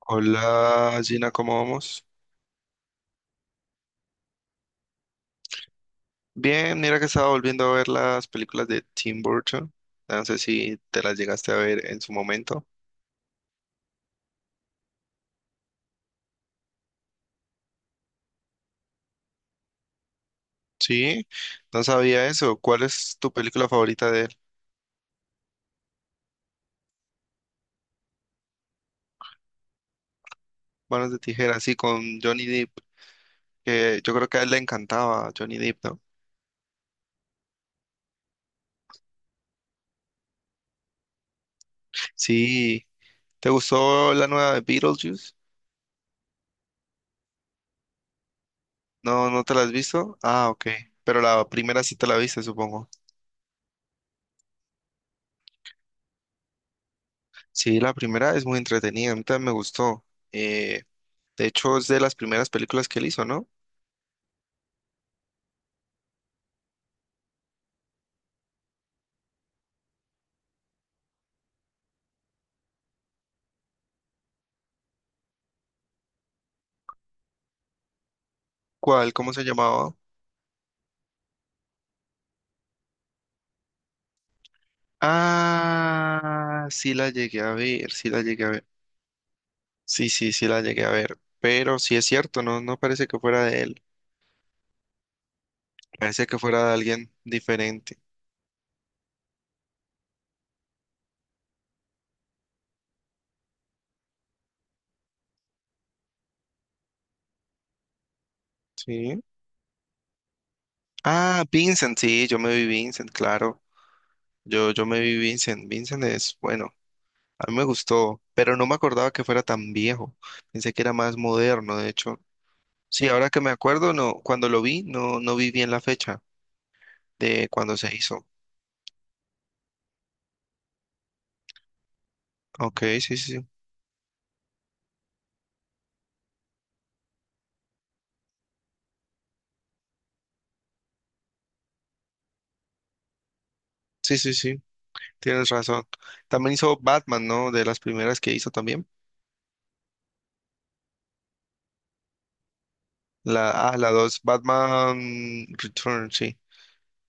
Hola Gina, ¿cómo vamos? Bien, mira que estaba volviendo a ver las películas de Tim Burton. No sé si te las llegaste a ver en su momento. Sí, no sabía eso. ¿Cuál es tu película favorita de él? Manos de tijera, sí, con Johnny Depp, que yo creo que a él le encantaba Johnny Depp, ¿no? Sí, ¿te gustó la nueva de Beetlejuice? No, ¿no te la has visto? Ah, ok. Pero la primera sí te la viste, supongo. Sí, la primera es muy entretenida, a mí también me gustó. Eh, De hecho, es de las primeras películas que él hizo, ¿no? ¿Cuál? ¿Cómo se llamaba? Ah, sí la llegué a ver, sí la llegué a ver. Sí, sí, sí la llegué a ver. Pero sí es cierto, no, no parece que fuera de él. Parece que fuera de alguien diferente. Sí. Ah, Vincent, sí, yo me vi Vincent, claro. Yo me vi Vincent. Vincent es, bueno, a mí me gustó, pero no me acordaba que fuera tan viejo. Pensé que era más moderno, de hecho. Sí, ahora que me acuerdo, no, cuando lo vi, no, no vi bien la fecha de cuando se hizo. Ok, sí, sí, sí, sí, sí, sí, tienes razón. También hizo Batman, ¿no? De las primeras que hizo también. La, ah, la 2. Batman Return, sí.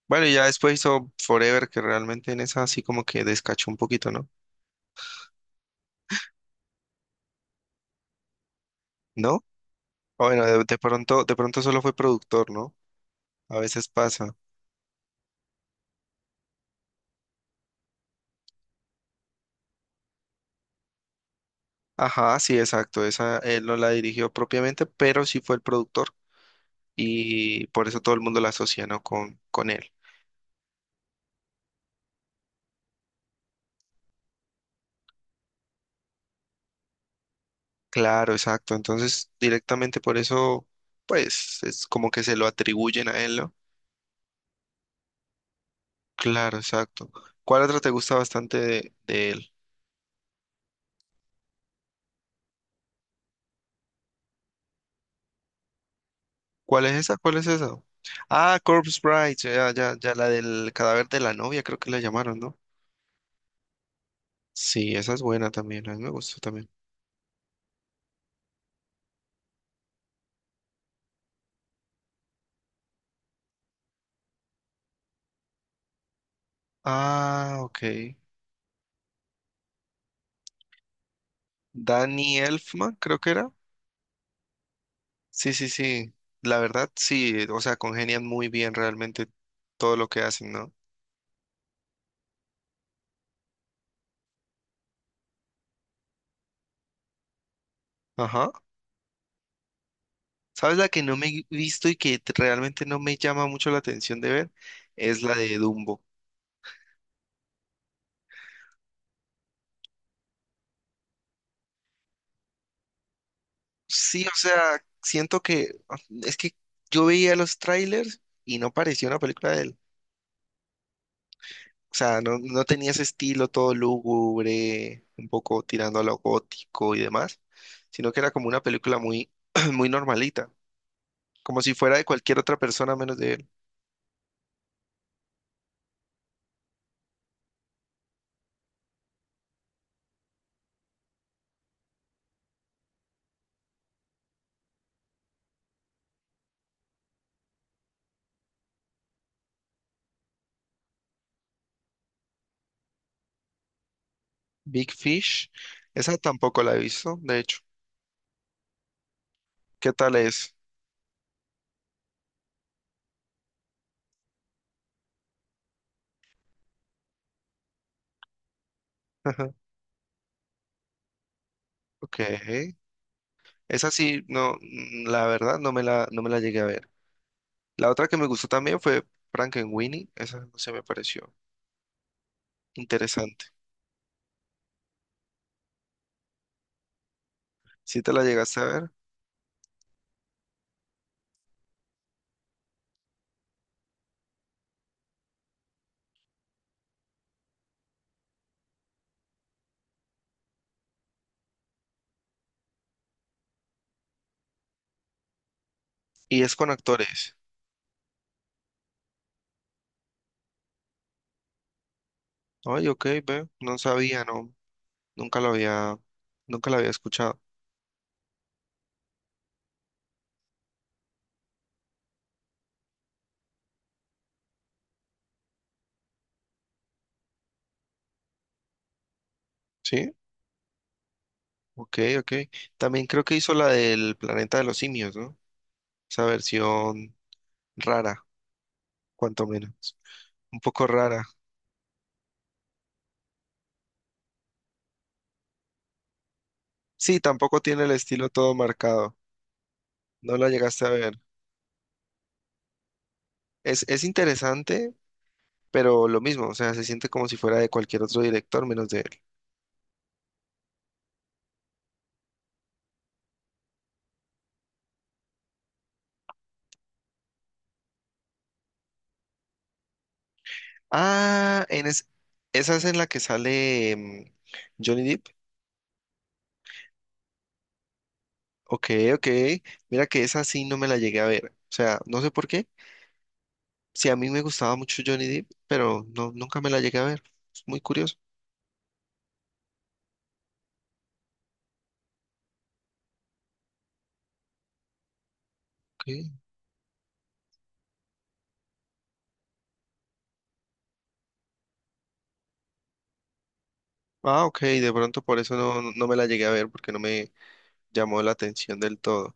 Bueno, y ya después hizo Forever, que realmente en esa así como que descachó un poquito, ¿no? ¿No? O bueno, de pronto, de pronto solo fue productor, ¿no? A veces pasa. Ajá, sí, exacto. Esa él no la dirigió propiamente, pero sí fue el productor y por eso todo el mundo la asocia, ¿no? Con él. Claro, exacto. Entonces, directamente por eso, pues, es como que se lo atribuyen a él, ¿no? Claro, exacto. ¿Cuál otra te gusta bastante de él? ¿Cuál es esa? ¿Cuál es esa? Ah, Corpse Bride, ya, ya, ya, la del cadáver de la novia, creo que la llamaron, ¿no? Sí, esa es buena también, a mí me gustó también. Ah, ok. Danny Elfman, creo que era. Sí, sí, sí. La verdad, sí, o sea, congenian muy bien realmente todo lo que hacen, ¿no? Ajá. ¿Sabes la que no me he visto y que realmente no me llama mucho la atención de ver? Es la de Dumbo. Sí, o sea, siento que es que yo veía los trailers y no parecía una película de él. O sea, no, no tenía ese estilo todo lúgubre, un poco tirando a lo gótico y demás, sino que era como una película muy, muy normalita, como si fuera de cualquier otra persona menos de él. Big Fish, esa tampoco la he visto, de hecho. ¿Qué tal es? Ok. Esa sí, no, mm, la verdad no me la, no me la llegué a ver. La otra que me gustó también fue Frankenweenie, esa no se me pareció interesante. ¿Si te la llegaste a ver y es con actores? Ay, ok, ve, no sabía, no, nunca lo había, nunca la había escuchado. Sí, ok, ok. También creo que hizo la del Planeta de los Simios, ¿no? Esa versión rara, cuanto menos. Un poco rara. Sí, tampoco tiene el estilo todo marcado. No la llegaste a ver. Es interesante, pero lo mismo, o sea, se siente como si fuera de cualquier otro director menos de él. Ah, en es, esa es en la que sale Johnny Depp. Ok, ok. Mira que esa sí no me la llegué a ver. O sea, no sé por qué. Sí, a mí me gustaba mucho Johnny Depp, pero no, nunca me la llegué a ver. Es muy curioso. Ok. Ah, ok, de pronto por eso no, no me la llegué a ver porque no me llamó la atención del todo.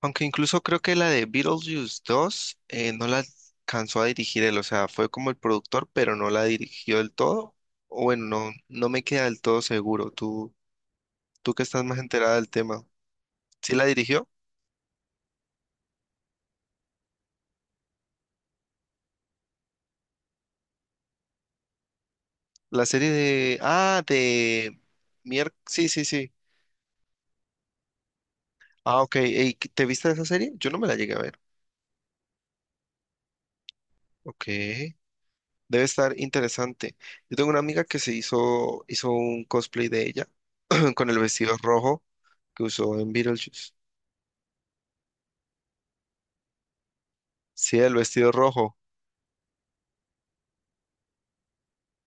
Aunque incluso creo que la de Beetlejuice 2 no la alcanzó a dirigir él, o sea, fue como el productor, pero no la dirigió del todo. O bueno, no, no me queda del todo seguro. Tú que estás más enterada del tema, ¿sí la dirigió? La serie de... Ah, de... Mier... Sí, sí, sí. Ah, ok. Ey, ¿te viste esa serie? Yo no me la llegué a ver. Ok. Debe estar interesante. Yo tengo una amiga que hizo un cosplay de ella con el vestido rojo que usó en Beetlejuice. Sí, el vestido rojo.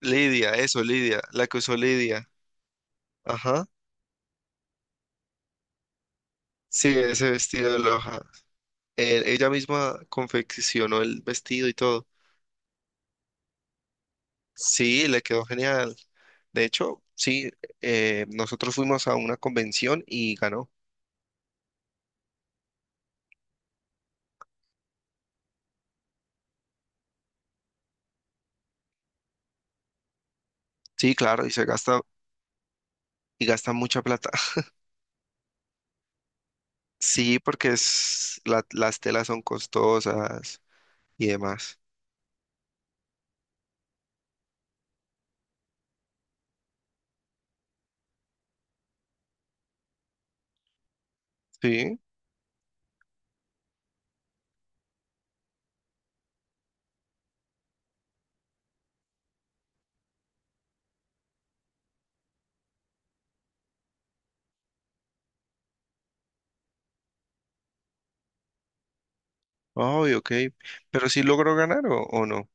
Lidia, eso, Lidia, la que usó Lidia. Ajá. Sí, ese vestido de Loja. Ella misma confeccionó el vestido y todo. Sí, le quedó genial. De hecho, sí, nosotros fuimos a una convención y ganó. Sí, claro, y se gasta y gasta mucha plata. Sí, porque es, la- las telas son costosas y demás. Sí, ay, ok. Pero sí logró ganar o no.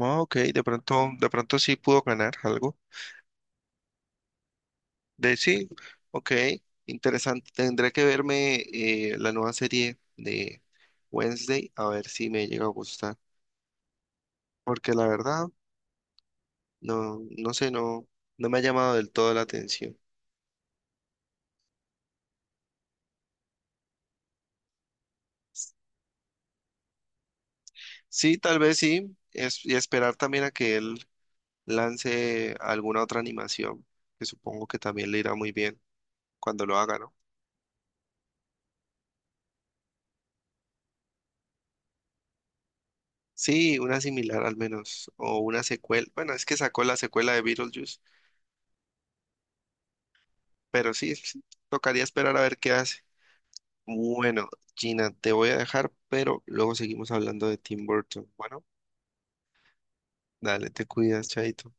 Ah, ok, de pronto sí pudo ganar algo. De sí, ok, interesante. Tendré que verme la nueva serie de Wednesday a ver si me llega a gustar, porque la verdad, no, no sé, no, no me ha llamado del todo la atención. Sí, tal vez sí, es, y esperar también a que él lance alguna otra animación, que supongo que también le irá muy bien cuando lo haga, ¿no? Sí, una similar al menos, o una secuela. Bueno, es que sacó la secuela de Beetlejuice, pero sí, sí, tocaría esperar a ver qué hace. Bueno, Gina, te voy a dejar, pero luego seguimos hablando de Tim Burton. Bueno, dale, te cuidas, chaito.